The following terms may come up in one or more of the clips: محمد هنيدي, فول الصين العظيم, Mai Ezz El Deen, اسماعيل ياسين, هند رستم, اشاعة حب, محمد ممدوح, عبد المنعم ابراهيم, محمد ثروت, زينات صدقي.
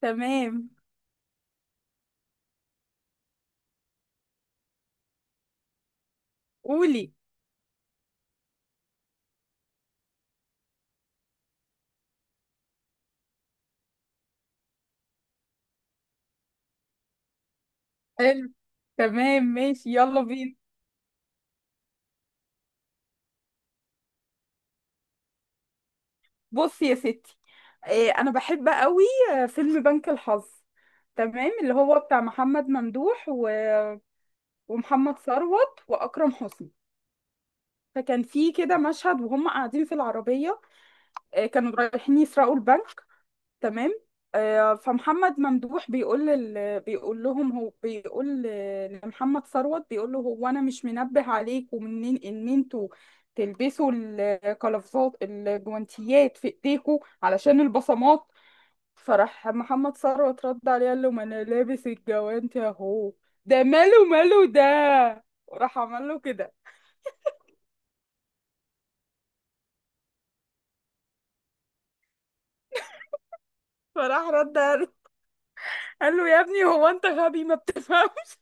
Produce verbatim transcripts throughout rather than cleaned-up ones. تمام. قولي. حلو. تمام، ماشي، يلا بينا. بصي يا ستي، إيه، انا بحب قوي. آه، فيلم بنك الحظ. تمام، اللي هو بتاع محمد ممدوح و... ومحمد ثروت واكرم حسني. فكان في كده مشهد وهم قاعدين في العربيه. آه، كانوا رايحين يسرقوا البنك. تمام. آه، فمحمد ممدوح بيقول لل... بيقول لهم. هو بيقول ل- لمحمد ثروت، بيقول له هو انا مش منبه عليكم منين ان انتوا تلبسوا القفازات، الجوانتيات في ايديكم علشان البصمات. فراح محمد ثروت رد عليه قال له: ما انا لابس الجوانتي اهو، ده ماله؟ ماله ده؟ راح عمل له كده. فراح رد قال قال له: يا ابني هو انت غبي ما بتفهمش؟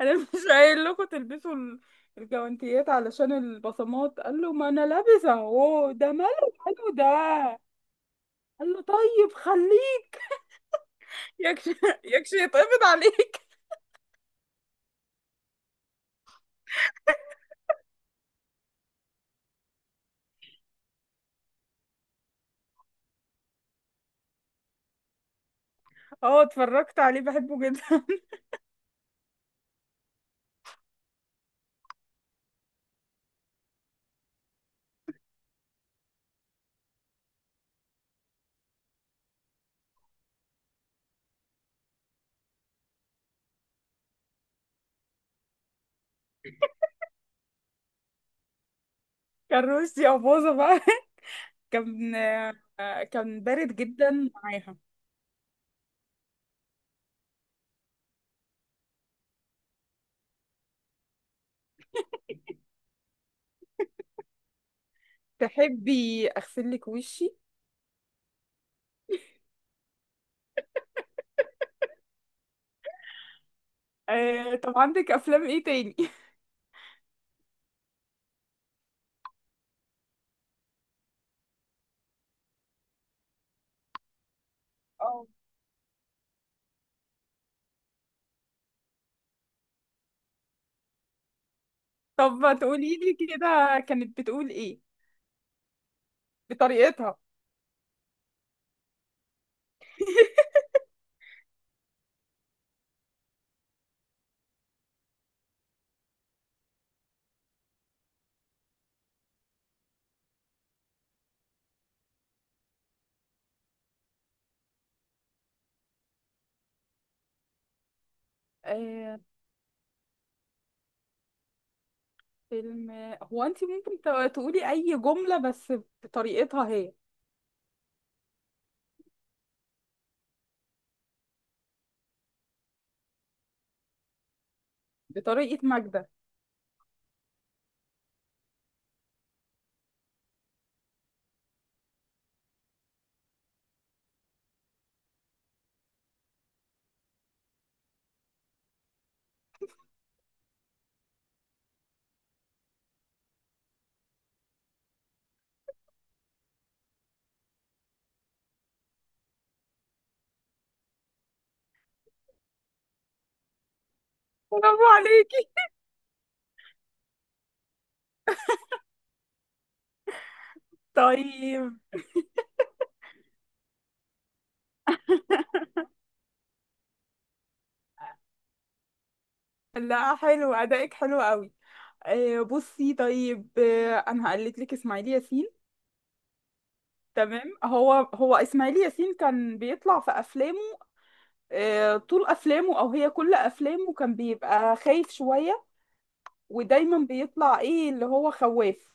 انا مش قايل لكم تلبسوا ال- الجوانتيات علشان البصمات؟ قال له: ما انا لابسه اهو، ده ماله؟ ماله ده؟ قال له: طيب خليه يكشي يكشي يتقبض عليك. اه اتفرجت عليه، بحبه جدا. كان روسي ابوظه بقى. كان آه، كان بارد جدا معاها. تحبي اغسل لك وشي؟ آه، طب عندك افلام ايه تاني؟ اه. طب ما تقولي لي كده، كانت بتقول ايه بطريقتها؟ فيلم. هو انت ممكن ت- تقولي اي جملة بس بطريقتها هي، بطريقة ماجدة. برافو عليكي. طيب. لا، حلو، ادائك حلو قوي. آه، بصي. طيب، آه، انا هقلد لك اسماعيل ياسين. تمام، هو هو اسماعيل ياسين كان بيطلع في افلامه، آه، طول افلامه، او هي كل افلامه، كان بيبقى خايف شوية. ودايما بيطلع ايه اللي هو خواف.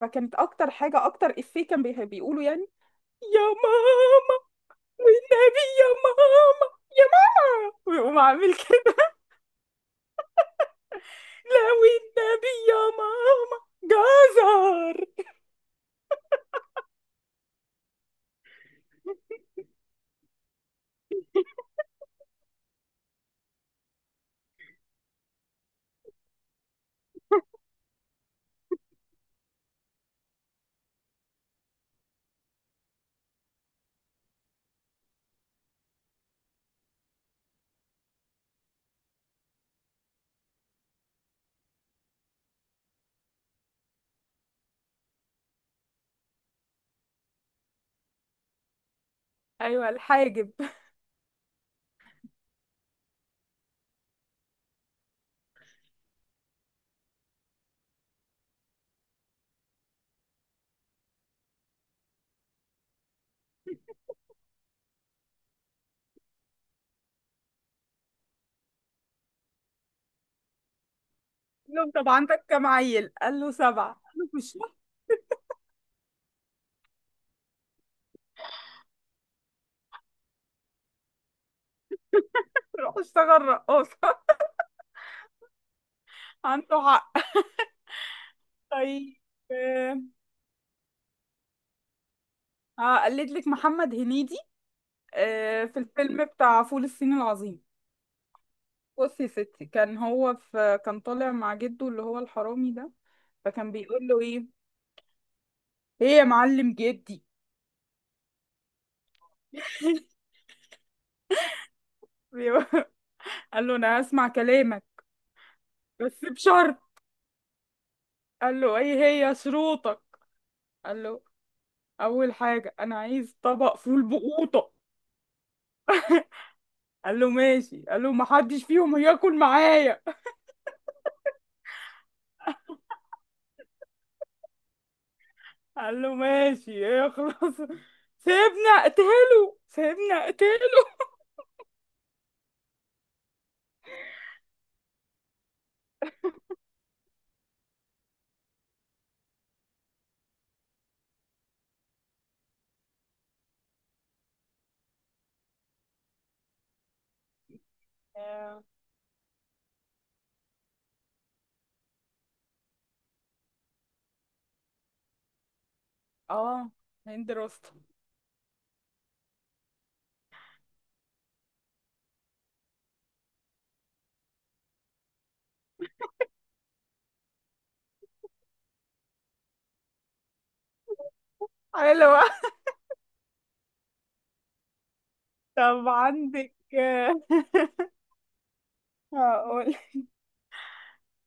فكانت اكتر حاجة، اكتر افيه كان بي- بيقوله يعني: يا ماما، والنبي يا ماما، يا ماما. ويقوم عامل كده: لا والنبي يا ماما، جزر. ايوه الحاجب. قال له: طب عندك كام عيل؟ قال له: سبعه. قال له: في الشهر؟ روح اشتغل رقاصه. عنده حق. طيب، آه، هقلد لك محمد هنيدي آه، في الفيلم بتاع فول الصين العظيم. بصي يا ستي، كان هو في كان طالع مع جده اللي هو الحرامي ده. فكان بيقول له ايه: ايه يا معلم جدي؟ قال له: انا هسمع كلامك بس بشرط. قال له: ايه هي شروطك؟ قال له: اول حاجه انا عايز طبق فول بقوطه. قال له: ماشي. قال له: محدش فيهم هياكل معايا. قال له: ماشي ايه، خلاص. سيبني اقتله، سيبني اقتله. اه. آه، هند رستم. حلوة. طب عندك آه، هقول.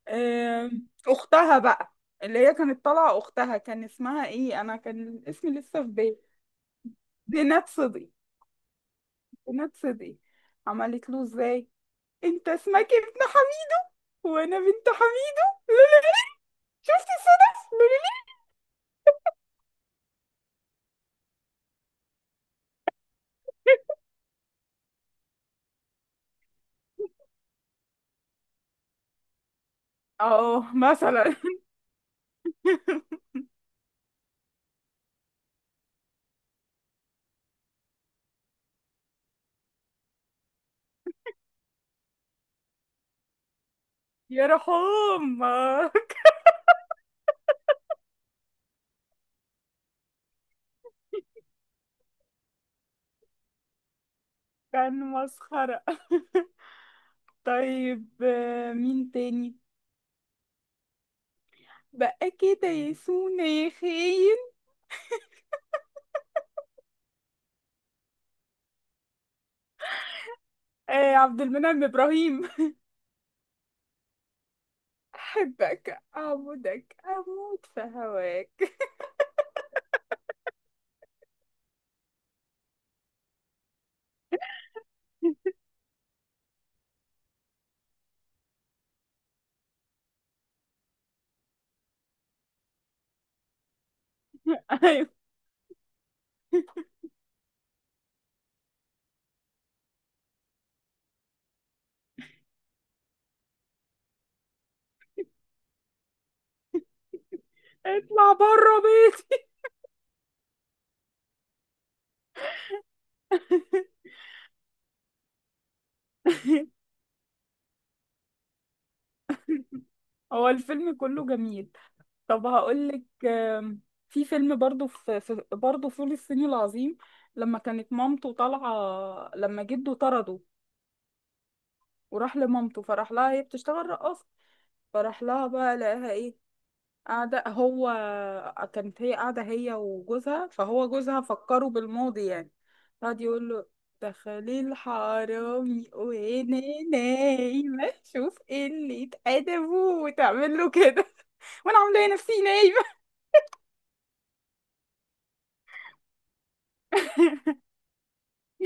آم، اختها بقى، اللي هي كانت طالعه اختها، كان اسمها ايه؟ انا كان اسمي لسه في بالي. زينات صدقي. زينات صدقي، عملت له ازاي: انت اسمك ابن حميد وانا بنت حميدو، لولولي. شفت الصدف؟ لولولي. اه مثلا. يا رحوم. كان مسخرة. طيب، آه، مين تاني؟ بقى كده يا سونا يا خاين؟ آه، عبد المنعم ابراهيم. احبك، اعبدك، اموت في هواك. ايوه. اطلع بره بيتي. هو الفيلم كله جميل. طب هقولك، آم، في فيلم برضو في, في برضو فول الصين العظيم، لما كانت مامته طالعة، لما جده طرده وراح لمامته. فراح لها، هي بتشتغل رقاصة، فراح لها بقى لقاها ايه، قاعدة هو كانت هي قاعدة هي وجوزها، فهو جوزها فكره بالماضي يعني. قعد يقول له: دخلي الحرامي وانا نايمة، شوف ايه اللي اتقدمه. وتعمل له كده: وانا عاملة إيه، نفسي نايمة.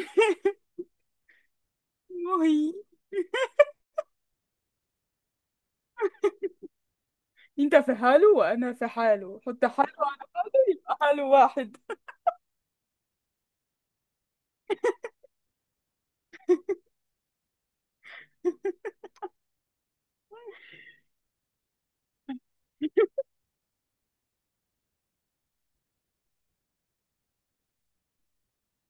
وهي، انت في حاله وانا في حاله، حط حاله على حاله يبقى حاله واحد.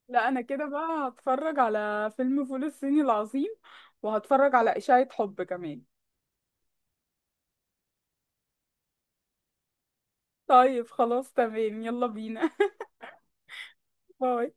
لا انا كده بقى هتفرج على فيلم فول الصين العظيم، وهتفرج على اشاعة حب كمان. طيب خلاص، تمام، يلا بينا. باي.